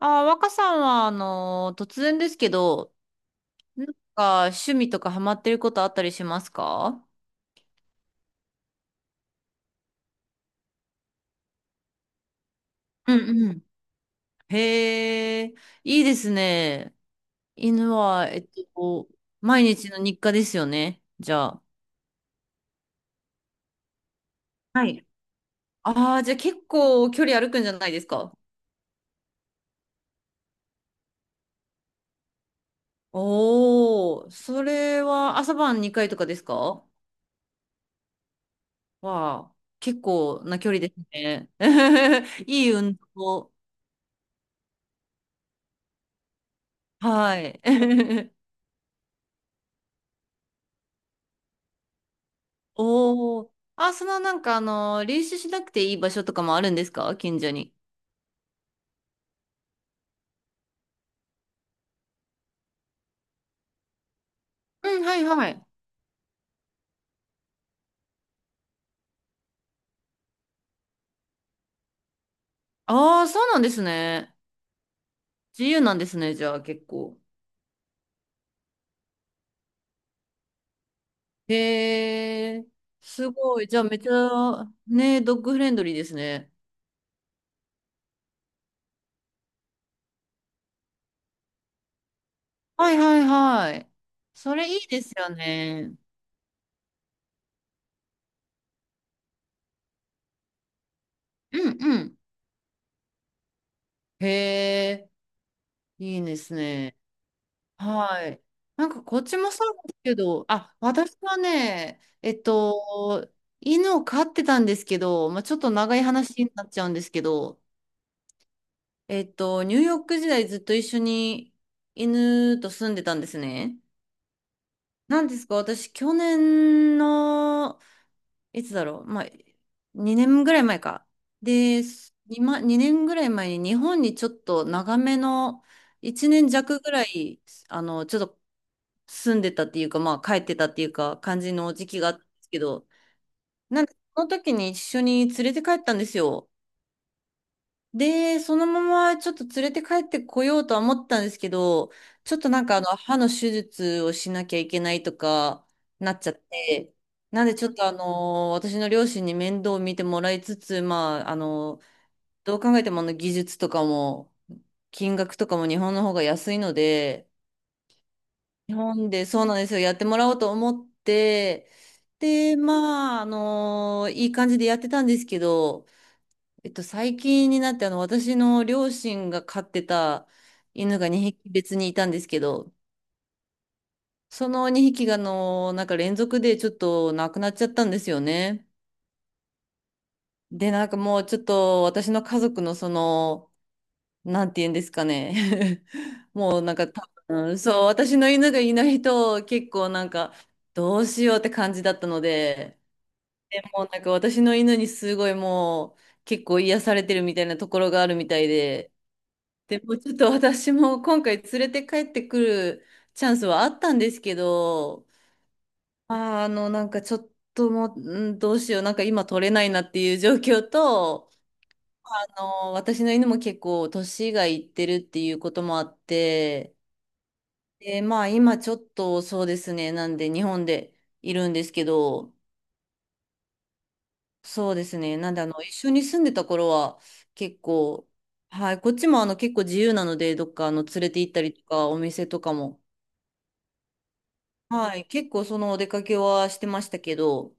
若さんは、突然ですけど、なん趣味とかハマってることあったりしますか？うんうん。へえ、いいですね。犬は、と、毎日の日課ですよね、じゃあ。はい。ああ、じゃあ結構距離歩くんじゃないですか？おー、それは朝晩2回とかですか？わあ、結構な距離ですね。いい運動。はい。おお。練習しなくていい場所とかもあるんですか、近所に。うん、はいはい。ああ、そうなんですね。自由なんですね、じゃあ結構。へえ、すごい。じゃあめっちゃ、ね、ドッグフレンドリーですね。はいはいはい。それいいですよね。うんうん。へえ、いいですね。はい。こっちもそうですけど、あ、私はね、犬を飼ってたんですけど、まあ、ちょっと長い話になっちゃうんですけど、ニューヨーク時代ずっと一緒に犬と住んでたんですね。なんですか、私、去年の、いつだろう、まあ、2年ぐらい前か。で、今、2年ぐらい前に日本にちょっと長めの、1年弱ぐらい、あの、ちょっと住んでたっていうか、まあ帰ってたっていうか、感じの時期があったんですけど、なんで、その時に一緒に連れて帰ったんですよ。で、そのままちょっと連れて帰ってこようとは思ったんですけど、ちょっとなんかあの、歯の手術をしなきゃいけないとか、なっちゃって、なんでちょっとあの、私の両親に面倒を見てもらいつつ、どう考えても技術とかも、金額とかも日本の方が安いので、日本でそうなんですよ。やってもらおうと思って、で、まあ、いい感じでやってたんですけど、最近になって、私の両親が飼ってた犬が2匹別にいたんですけど、その2匹が、連続でちょっと亡くなっちゃったんですよね。で、なんかもうちょっと私の家族のその、なんて言うんですかね。もう多分、そう、私の犬がいないと結構どうしようって感じだったので、でもう私の犬にすごいもう結構癒されてるみたいなところがあるみたいで、でもうちょっと私も今回連れて帰ってくるチャンスはあったんですけど、あー、あのなんかちょっともう、うん、どうしよう、今取れないなっていう状況と、私の犬も結構年がいってるっていうこともあって、で、まあ今ちょっとそうですね、なんで日本でいるんですけど、そうですね、なんであの、一緒に住んでた頃は結構、はい、こっちも結構自由なので、どっか連れて行ったりとか、お店とかも、はい、結構そのお出かけはしてましたけど、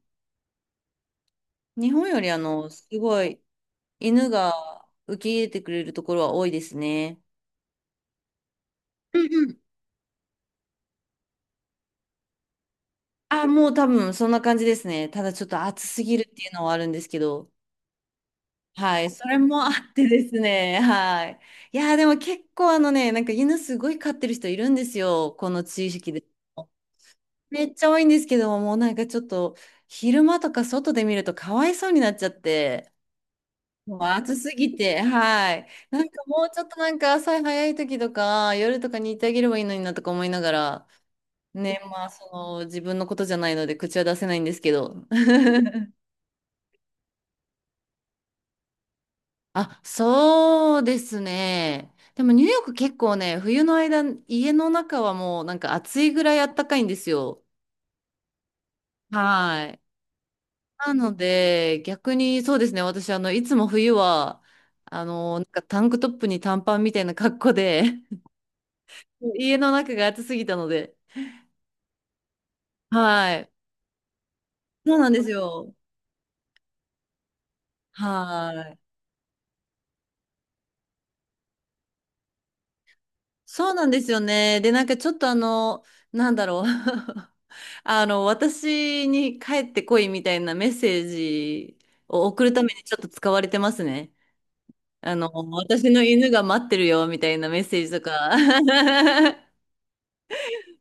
日本よりすごい犬が受け入れてくれるところは多いですね。うんうん。あ、もう多分そんな感じですね。ただちょっと暑すぎるっていうのはあるんですけど。はい。それもあってですね。はい。いやー、でも結構犬すごい飼ってる人いるんですよ、この地域で。めっちゃ多いんですけども、もうなんかちょっと昼間とか外で見るとかわいそうになっちゃって。もう暑すぎて、はい。なんかもうちょっとなんか朝早い時とか夜とかに行ってあげればいいのになとか思いながら、ね、まあその自分のことじゃないので口は出せないんですけど。あ、そうですね。でもニューヨーク結構ね、冬の間、家の中はもう暑いぐらい暖かいんですよ。はい。なので、逆にそうですね、私、いつも冬は、タンクトップに短パンみたいな格好で 家の中が暑すぎたので、はい。そうなんですよ。はい。そうなんですよね。で、なんかちょっとあの、なんだろう。私に帰ってこいみたいなメッセージを送るためにちょっと使われてますね。私の犬が待ってるよみたいなメッセージとか。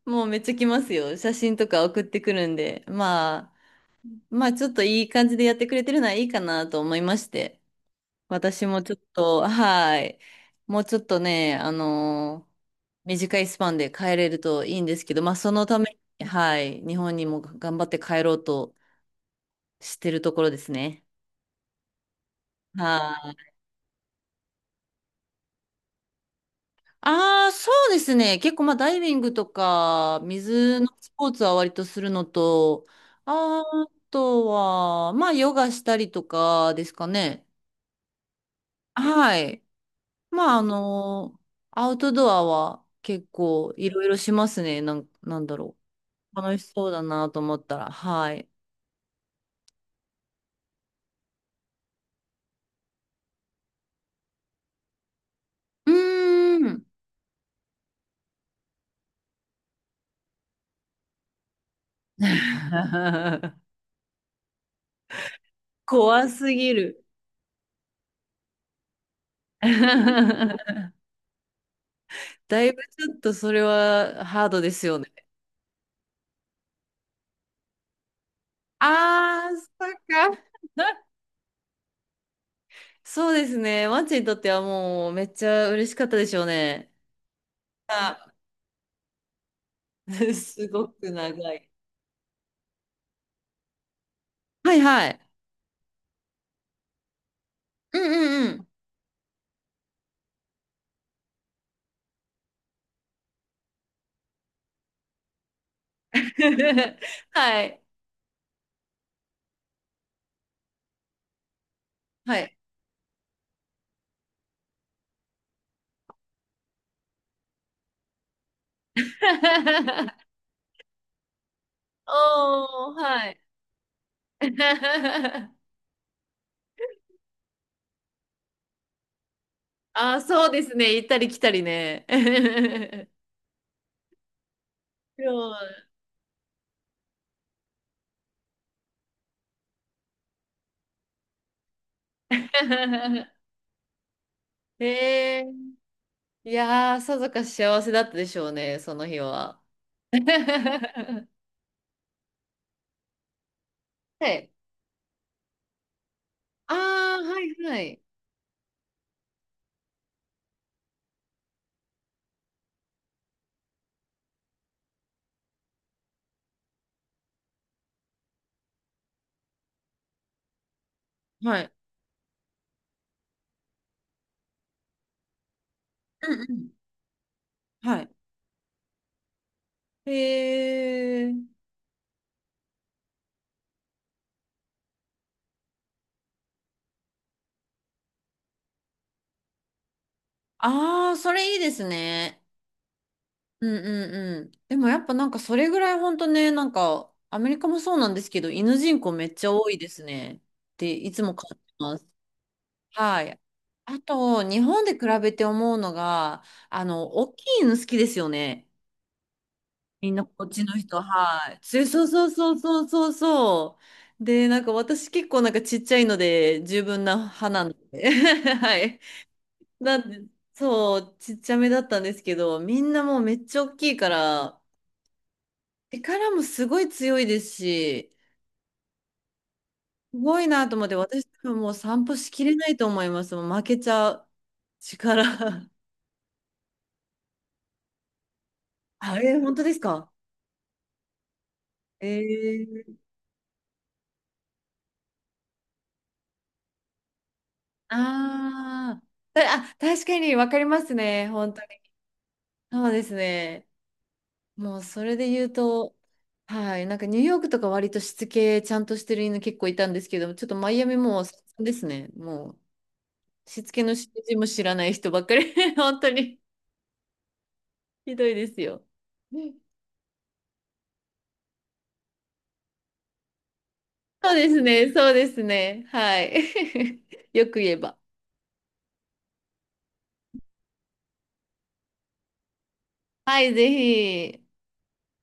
もうめっちゃ来ますよ。写真とか送ってくるんで。まあ、まあちょっといい感じでやってくれてるのはいいかなと思いまして。私もちょっと、はい。もうちょっとね、短いスパンで帰れるといいんですけど、まあ、そのために、はい。日本にも頑張って帰ろうとしてるところですね。はい。ああ、そうですね。結構、まあ、ダイビングとか、水のスポーツは割とするのと、あとは、まあ、ヨガしたりとかですかね。はい。まあ、あの、アウトドアは結構いろいろしますね。なんだろう。楽しそうだなと思ったら、はい。うーん。怖すぎる。だいぶちょっとそれはハードですよね。あー、そっか。そうですね。マッチにとってはもうめっちゃ嬉しかったでしょうね。あ、すごく長い。はいはい。うんうんうん。はい。はい。おー、はい。あー、そうですね。行ったり来たりね。そう。へえ。いやー、さぞかし幸せだったでしょうね、その日は。はい。ああ、はいはい。はい。うんうん。はい。へえ。ああ、それいいですね。うんうんうん。でもやっぱそれぐらい本当ね、アメリカもそうなんですけど、犬人口めっちゃ多いですねっていつも感じます。はい。あと、日本で比べて思うのが、大きい犬好きですよね、みんなこっちの人、はい。そうそうそうそうそうそうそう。で、私結構ちっちゃいので十分な派なんで。はい。なんで、そう、ちっちゃめだったんですけど、みんなもうめっちゃ大きいから、力もすごい強いですし、すごいなと思って、私多分もう散歩しきれないと思います。もう負けちゃう。力。あれ、え本当ですか？えー、あーたあ、確かに分かりますね、本当に。そうですね。もうそれで言うと、はい、ニューヨークとか割としつけちゃんとしてる犬結構いたんですけど、ちょっとマイアミもう散々ですね。もうしつけの指示も知らない人ばっかり。本当にひどいですよ。そうですね、そうですね。はい。よく言えば。はい、ぜひ。